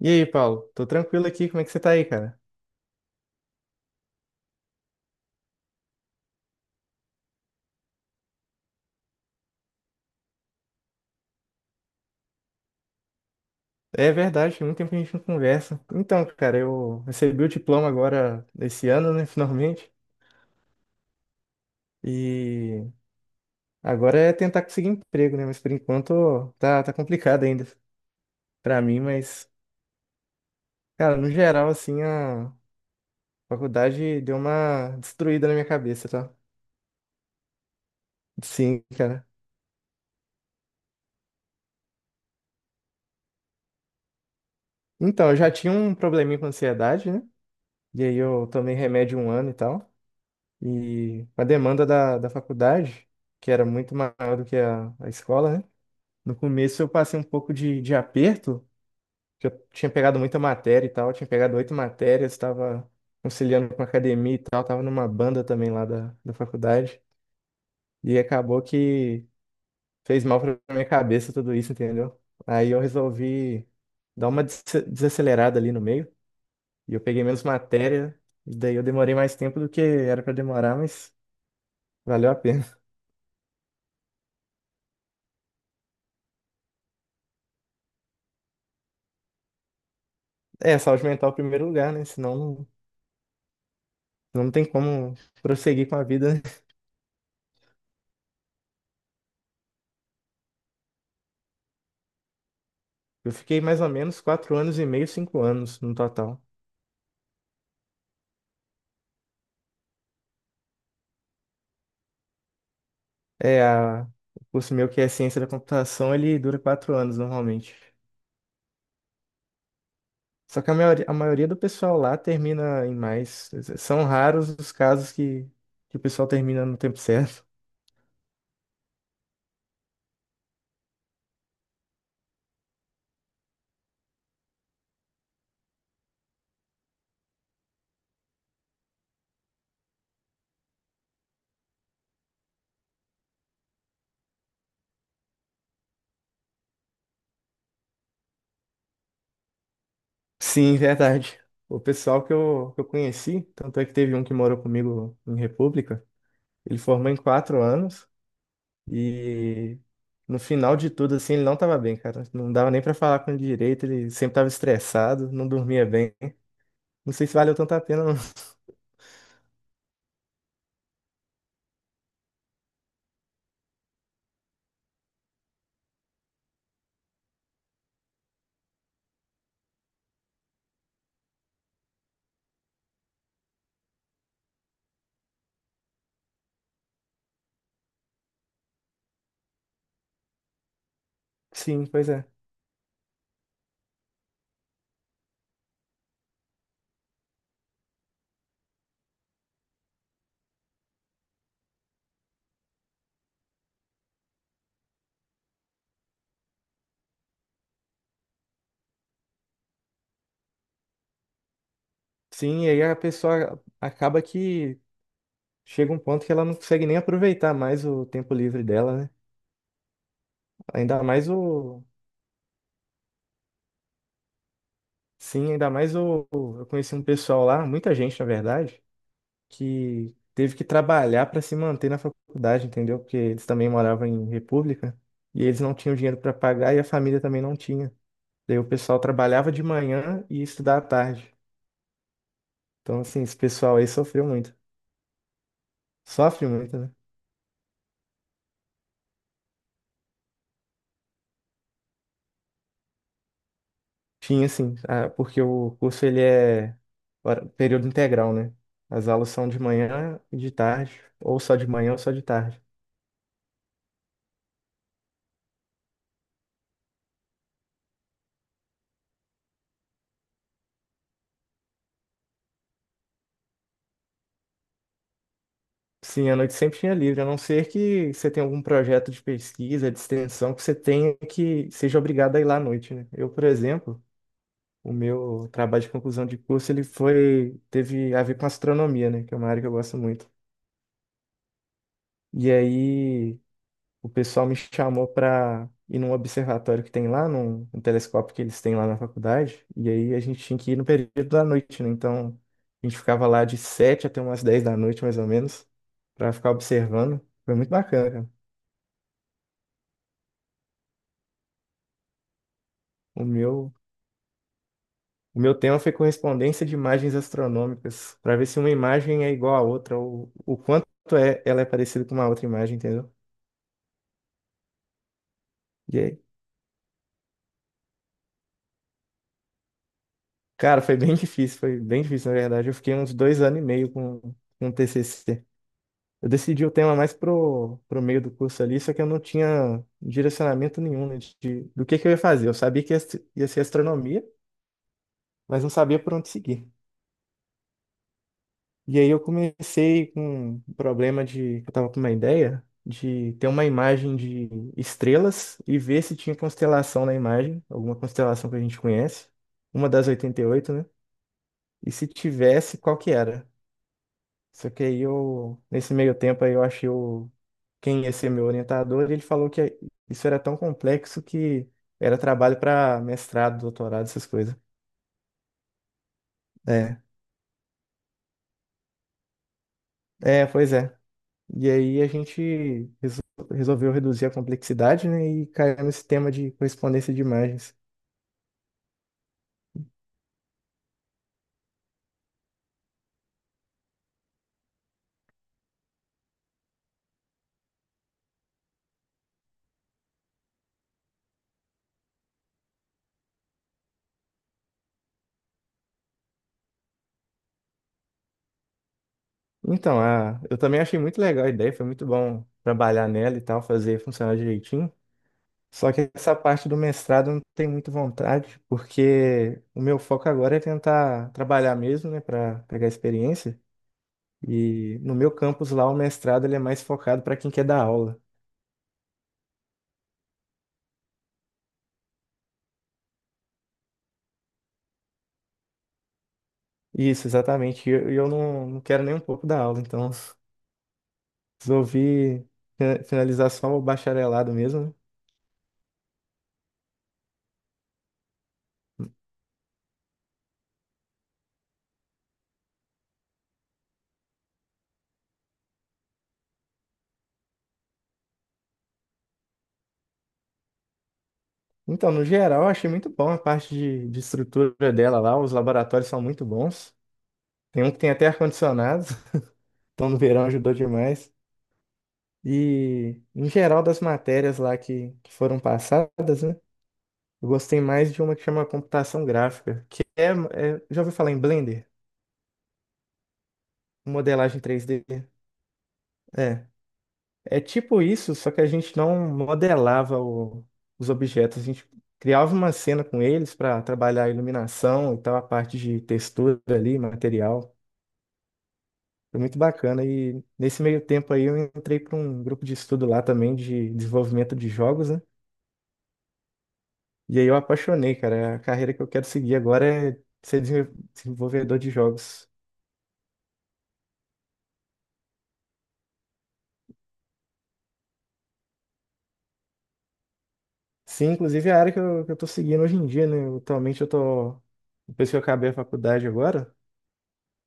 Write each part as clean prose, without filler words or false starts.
E aí, Paulo? Tô tranquilo aqui, como é que você tá aí, cara? É verdade, tem muito tempo que a gente não conversa. Então, cara, eu recebi o diploma agora esse ano, né, finalmente. E agora é tentar conseguir emprego, né? Mas por enquanto tá complicado ainda pra mim, mas, cara, no geral, assim, a faculdade deu uma destruída na minha cabeça, tá? Sim, cara. Então, eu já tinha um probleminha com ansiedade, né? E aí eu tomei remédio um ano e tal. E a demanda da faculdade, que era muito maior do que a escola, né? No começo eu passei um pouco de aperto, que eu tinha pegado muita matéria e tal, tinha pegado oito matérias, estava conciliando com a academia e tal, estava numa banda também lá da faculdade. E acabou que fez mal para minha cabeça tudo isso, entendeu? Aí eu resolvi dar uma desacelerada ali no meio, e eu peguei menos matéria, e daí eu demorei mais tempo do que era para demorar, mas valeu a pena. É, saúde mental em primeiro lugar, né? Senão não tem como prosseguir com a vida, né? Eu fiquei mais ou menos 4 anos e meio, 5 anos no total. É, o curso meu que é ciência da computação, ele dura 4 anos normalmente. Só que a maioria do pessoal lá termina em mais. São raros os casos que o pessoal termina no tempo certo. Sim, verdade. O pessoal que eu conheci, tanto é que teve um que morou comigo em República, ele formou em 4 anos. E no final de tudo, assim, ele não tava bem, cara. Não dava nem pra falar com ele direito, ele sempre tava estressado, não dormia bem. Não sei se valeu tanto a pena, não. Sim, pois é. Sim, e aí a pessoa acaba que chega um ponto que ela não consegue nem aproveitar mais o tempo livre dela, né? Ainda mais o. Sim, ainda mais o. Eu conheci um pessoal lá, muita gente, na verdade, que teve que trabalhar para se manter na faculdade, entendeu? Porque eles também moravam em república e eles não tinham dinheiro para pagar e a família também não tinha. Daí o pessoal trabalhava de manhã e ia estudar à tarde. Então, assim, esse pessoal aí sofreu muito. Sofre muito, né? Tinha, assim, porque o curso ele é período integral, né? As aulas são de manhã e de tarde, ou só de manhã ou só de tarde. Sim, a noite sempre tinha livre, a não ser que você tenha algum projeto de pesquisa, de extensão, que você tenha que seja obrigado a ir lá à noite, né? Eu, por exemplo, o meu trabalho de conclusão de curso, ele foi, teve a ver com astronomia, né? Que é uma área que eu gosto muito. E aí, o pessoal me chamou para ir num observatório que tem lá, num telescópio que eles têm lá na faculdade. E aí, a gente tinha que ir no período da noite, né? Então, a gente ficava lá de 7 até umas 10 da noite, mais ou menos, para ficar observando. Foi muito bacana, cara. O meu, o meu tema foi correspondência de imagens astronômicas, para ver se uma imagem é igual à outra, ou o quanto é, ela é parecida com uma outra imagem, entendeu? E aí, cara, foi bem difícil, na verdade. Eu fiquei uns 2 anos e meio com o TCC. Eu decidi o tema mais pro meio do curso ali, só que eu não tinha direcionamento nenhum, né, do que eu ia fazer. Eu sabia que ia, ia ser astronomia, mas não sabia por onde seguir. E aí eu comecei com um problema de, eu tava com uma ideia de ter uma imagem de estrelas e ver se tinha constelação na imagem, alguma constelação que a gente conhece, uma das 88, né? E se tivesse, qual que era? Só que aí eu, nesse meio tempo aí eu achei o, quem ia ser meu orientador, e ele falou que isso era tão complexo que era trabalho para mestrado, doutorado, essas coisas. É, é, pois é. E aí a gente resolveu reduzir a complexidade, né, e caiu nesse tema de correspondência de imagens. Então, eu também achei muito legal a ideia, foi muito bom trabalhar nela e tal, fazer funcionar direitinho. Só que essa parte do mestrado eu não tenho muito vontade, porque o meu foco agora é tentar trabalhar mesmo, né, para pegar experiência. E no meu campus lá, o mestrado ele é mais focado para quem quer dar aula. Isso, exatamente. E eu, e eu não quero nem um pouco dar aula, então. Resolvi finalizar só o bacharelado mesmo, né? Então, no geral, eu achei muito bom a parte de estrutura dela lá. Os laboratórios são muito bons. Tem um que tem até ar-condicionado, então no verão ajudou demais. E, em geral, das matérias lá que foram passadas, né? Eu gostei mais de uma que chama computação gráfica, que já ouviu falar em Blender? Modelagem 3D. É. É tipo isso, só que a gente não modelava os objetos, a gente criava uma cena com eles para trabalhar a iluminação e tal, a parte de textura ali, material. Foi muito bacana. E nesse meio tempo aí eu entrei para um grupo de estudo lá também de desenvolvimento de jogos, né? E aí eu apaixonei, cara. A carreira que eu quero seguir agora é ser desenvolvedor de jogos. Sim, inclusive é a área que eu tô seguindo hoje em dia, né? Atualmente eu tô, depois que eu acabei a faculdade agora.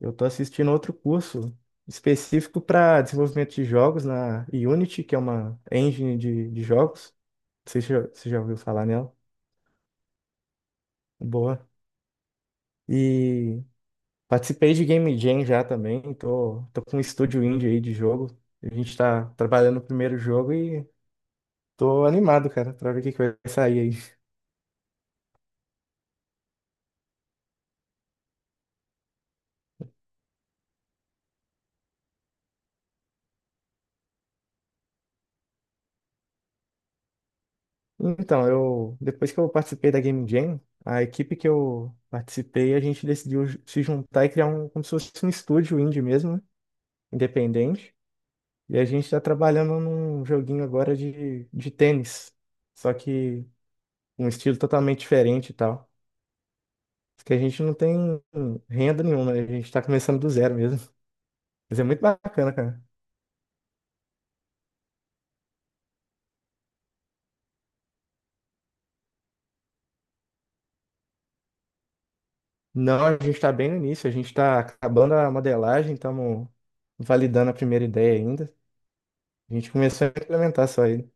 Eu tô assistindo outro curso específico para desenvolvimento de jogos na Unity, que é uma engine de jogos. Você já ouviu falar nela? Boa. E participei de Game Jam já também. Tô com um estúdio indie aí de jogo. A gente tá trabalhando no primeiro jogo e tô animado, cara, pra ver o que que vai sair aí. Então, eu, depois que eu participei da Game Jam, a equipe que eu participei, a gente decidiu se juntar e criar um, como se fosse um estúdio indie mesmo, né? Independente. E a gente tá trabalhando num joguinho agora de tênis. Só que um estilo totalmente diferente e tal. Porque a gente não tem renda nenhuma, né? A gente tá começando do zero mesmo. Mas é muito bacana, cara. Não, a gente tá bem no início, a gente tá acabando a modelagem, estamos validando a primeira ideia ainda. A gente começou a implementar só aí.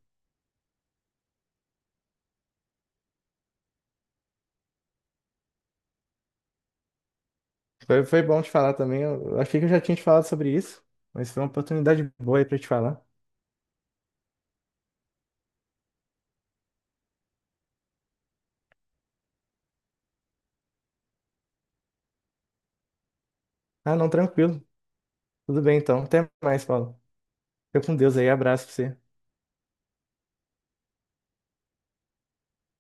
Foi bom te falar também. Eu achei que eu já tinha te falado sobre isso, mas foi uma oportunidade boa aí pra te falar. Ah, não, tranquilo. Tudo bem então. Até mais, Paulo. Fica com Deus aí, abraço pra você.